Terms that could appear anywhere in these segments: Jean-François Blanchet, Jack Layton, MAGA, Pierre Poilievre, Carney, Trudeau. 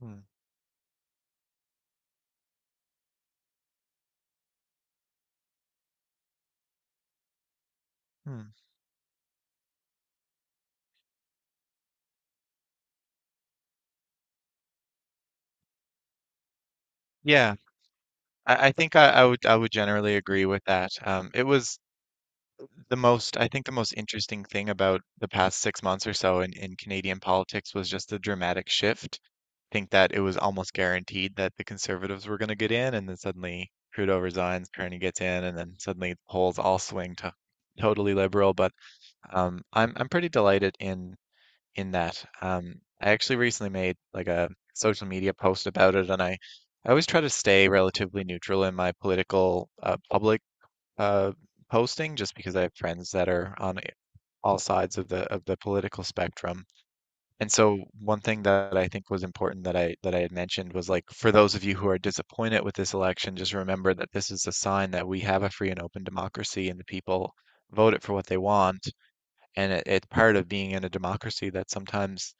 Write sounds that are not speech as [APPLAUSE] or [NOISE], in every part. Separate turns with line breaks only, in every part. Hmm. Hmm. Yeah, I think I would generally agree with that. It was the most I think the most interesting thing about the past 6 months or so in Canadian politics was just the dramatic shift. I think that it was almost guaranteed that the Conservatives were going to get in, and then suddenly Trudeau resigns, Carney gets in, and then suddenly the polls all swing to totally liberal. But I'm pretty delighted in that. I actually recently made like a social media post about it, and I always try to stay relatively neutral in my political public uh, posting, just because I have friends that are on all sides of the political spectrum. And so one thing that I think was important that I had mentioned was like for those of you who are disappointed with this election, just remember that this is a sign that we have a free and open democracy, and the people vote it for what they want, and it's part of being in a democracy that sometimes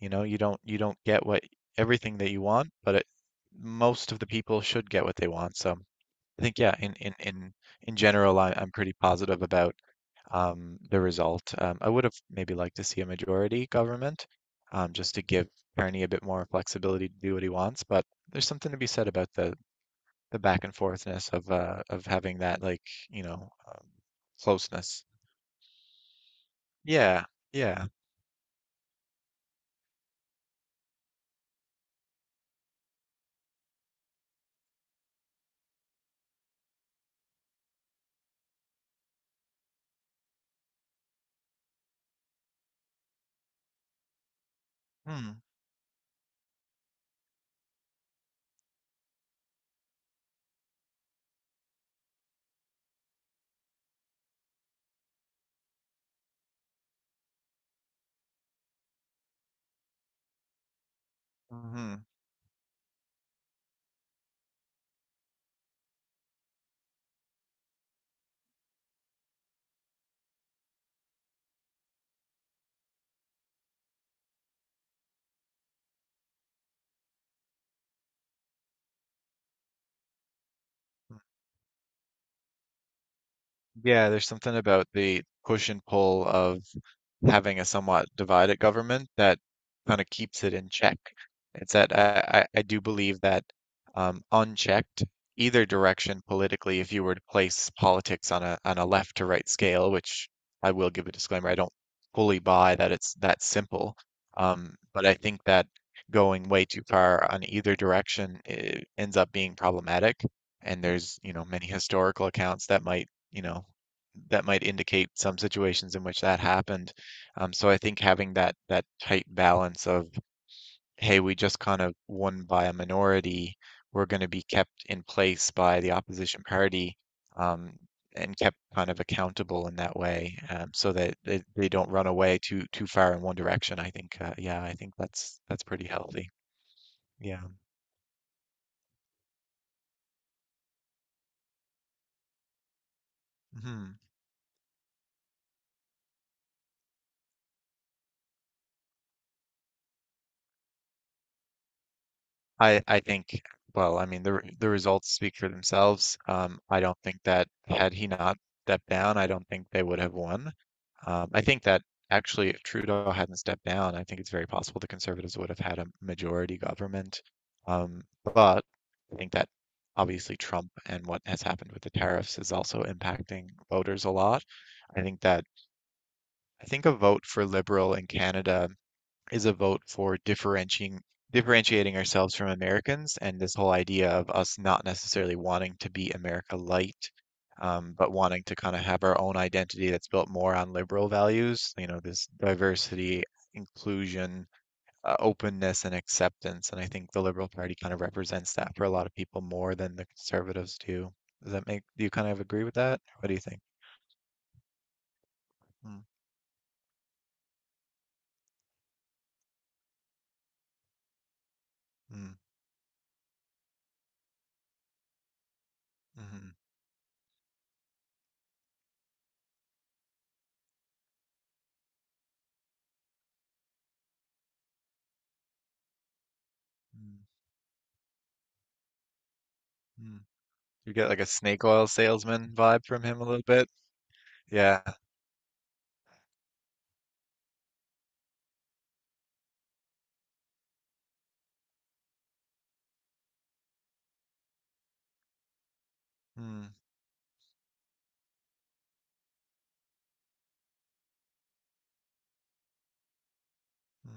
you don't get what everything that you want, but it, most of the people should get what they want. So I think, yeah, in general, I'm pretty positive about the result. I would have maybe liked to see a majority government, just to give Kearney a bit more flexibility to do what he wants. But there's something to be said about the back and forthness of having that like you know um, closeness. Yeah, yeah. Mm. Hmm. Mm-hmm. Yeah, there's something about the push and pull of having a somewhat divided government that kind of keeps it in check. It's that I do believe that unchecked, either direction politically, if you were to place politics on a left to right scale, which I will give a disclaimer, I don't fully buy that it's that simple. But I think that going way too far on either direction, ends up being problematic. And there's, many historical accounts that might indicate some situations in which that happened. So I think having that tight balance of, hey, we just kind of won by a minority, we're going to be kept in place by the opposition party, um, and kept kind of accountable in that way, so that they don't run away too far in one direction. I think, yeah, I think that's pretty healthy. Yeah. Mhm. I think, well, I mean the results speak for themselves. I don't think that had he not stepped down, I don't think they would have won. I think that actually, if Trudeau hadn't stepped down, I think it's very possible the Conservatives would have had a majority government. But I think that obviously Trump and what has happened with the tariffs is also impacting voters a lot. I think that I think a vote for Liberal in Canada is a vote for differentiating ourselves from Americans and this whole idea of us not necessarily wanting to be America light, but wanting to kind of have our own identity that's built more on liberal values, this diversity, inclusion, openness, and acceptance. And I think the Liberal Party kind of represents that for a lot of people more than the conservatives do. Do you kind of agree with that? What do you think? Mm. Mm. Mm. Mm. Mm. You get like a snake oil salesman vibe from him a little bit. Yeah. Mm. Mm.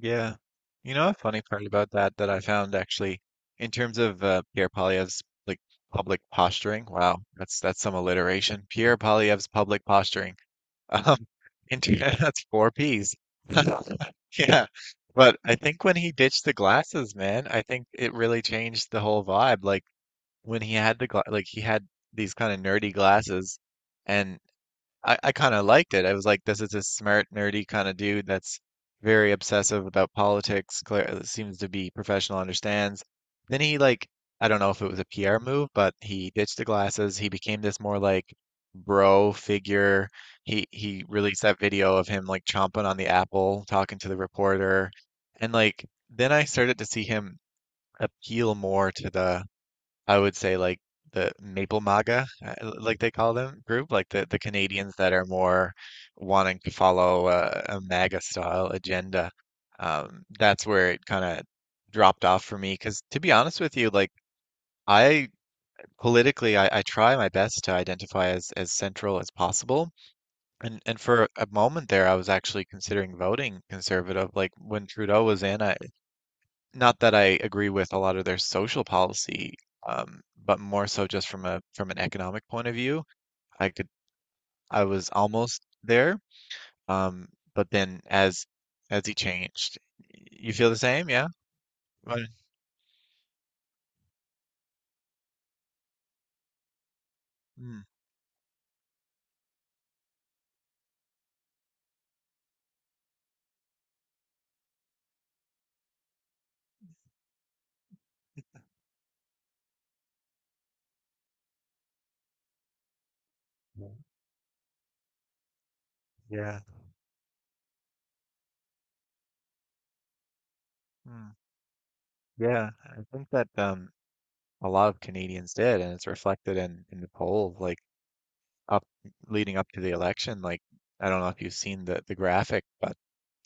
Yeah. You know, a funny part about that I found actually, in terms of Pierre Polyev's like public posturing. Wow, that's some alliteration. Pierre Polyev's public posturing. [LAUGHS] Um, [LAUGHS] that's four P's. Yeah. But I think when he ditched the glasses, man, I think it really changed the whole vibe. Like when he had these kind of nerdy glasses, and I kind of liked it. I was like, this is a smart, nerdy kind of dude that's very obsessive about politics, clear, seems to be professional, understands. Then he like, I don't know if it was a PR move, but he ditched the glasses. He became this more like bro figure. He released that video of him like chomping on the apple, talking to the reporter. And like then I started to see him appeal more to the I would say like the Maple MAGA, like they call them, group, like the Canadians that are more wanting to follow a MAGA style agenda. That's where it kind of dropped off for me. Because to be honest with you, like, I politically, I try my best to identify as central as possible. And for a moment there, I was actually considering voting conservative. Like when Trudeau was in, I, not that I agree with a lot of their social policy, but more so just from an economic point of view. I could I was almost there, um, but then as he changed, you feel the same, yeah? Right. Mm. Yeah. Mm. Yeah. I think that a lot of Canadians did, and it's reflected in the poll, like up leading up to the election. Like I don't know if you've seen the graphic, but,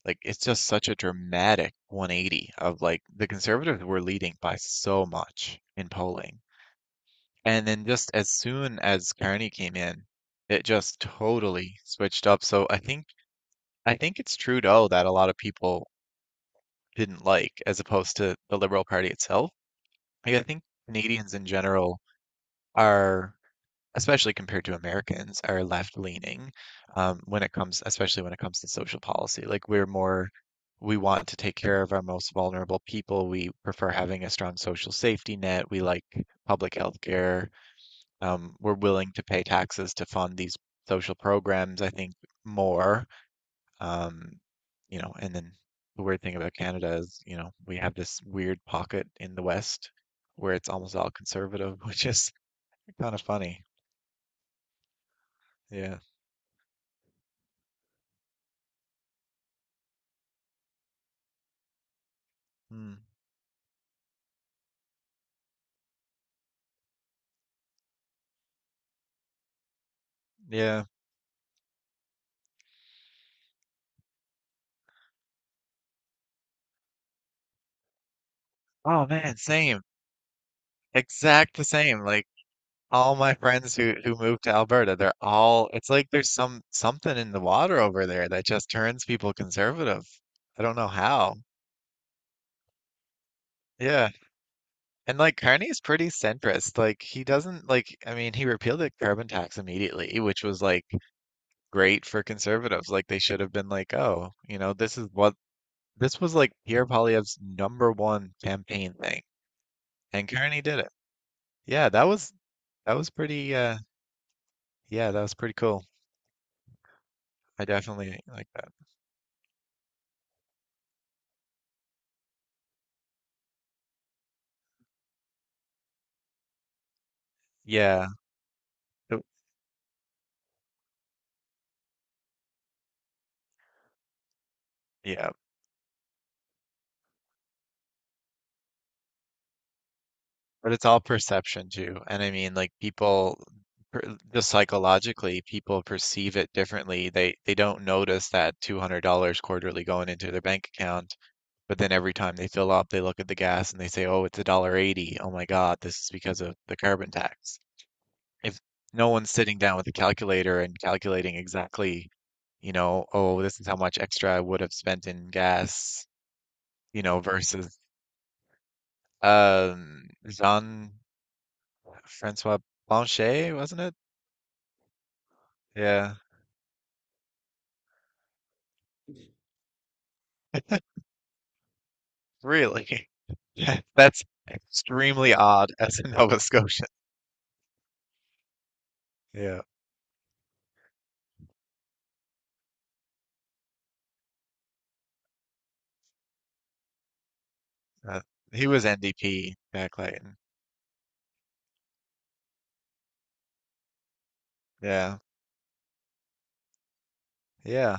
like, it's just such a dramatic 180 of like the conservatives were leading by so much in polling. And then just as soon as Carney came in, it just totally switched up. So I think it's Trudeau that a lot of people didn't like as opposed to the Liberal Party itself. Like I think Canadians in general are especially compared to Americans, are left leaning, when it comes, especially when it comes to social policy. Like we're more, we want to take care of our most vulnerable people. We prefer having a strong social safety net. We like public health care. We're willing to pay taxes to fund these social programs, I think, more. Um, and then the weird thing about Canada is, we have this weird pocket in the West where it's almost all conservative, [LAUGHS] which is kind of funny. Yeah. Hmm. Yeah. Oh man, same. Exact the same. Like all my friends who moved to Alberta, they're all, it's like there's something in the water over there that just turns people conservative. I don't know how. Yeah. And like Carney's pretty centrist. Like he doesn't like I mean, he repealed the carbon tax immediately, which was like great for conservatives. Like they should have been like, "Oh, you know, this is what this was like Pierre Poilievre's number one campaign thing." And Carney did it. Yeah, that was, pretty, yeah, that was pretty cool. I definitely like that. Yeah. so- Yeah. But it's all perception too. And I mean, like people just psychologically, people perceive it differently. They don't notice that $200 quarterly going into their bank account, but then every time they fill up, they look at the gas and they say, "Oh, it's a dollar 80. Oh my God, this is because of the carbon tax." If no one's sitting down with a calculator and calculating exactly, oh, this is how much extra I would have spent in gas, versus... Jean-François Blanchet, wasn't it? Yeah, really. [LAUGHS] That's extremely odd as a Nova Scotian. Yeah. Uh, he was NDP, Jack Layton. Yeah. Yeah.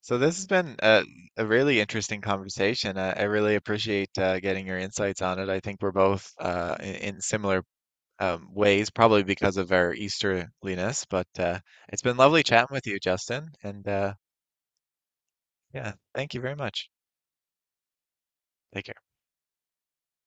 So this has been a really interesting conversation. I really appreciate getting your insights on it. I think we're both in similar ways, probably because of our Easterliness, but it's been lovely chatting with you, Justin. And yeah, thank you very much. Take care.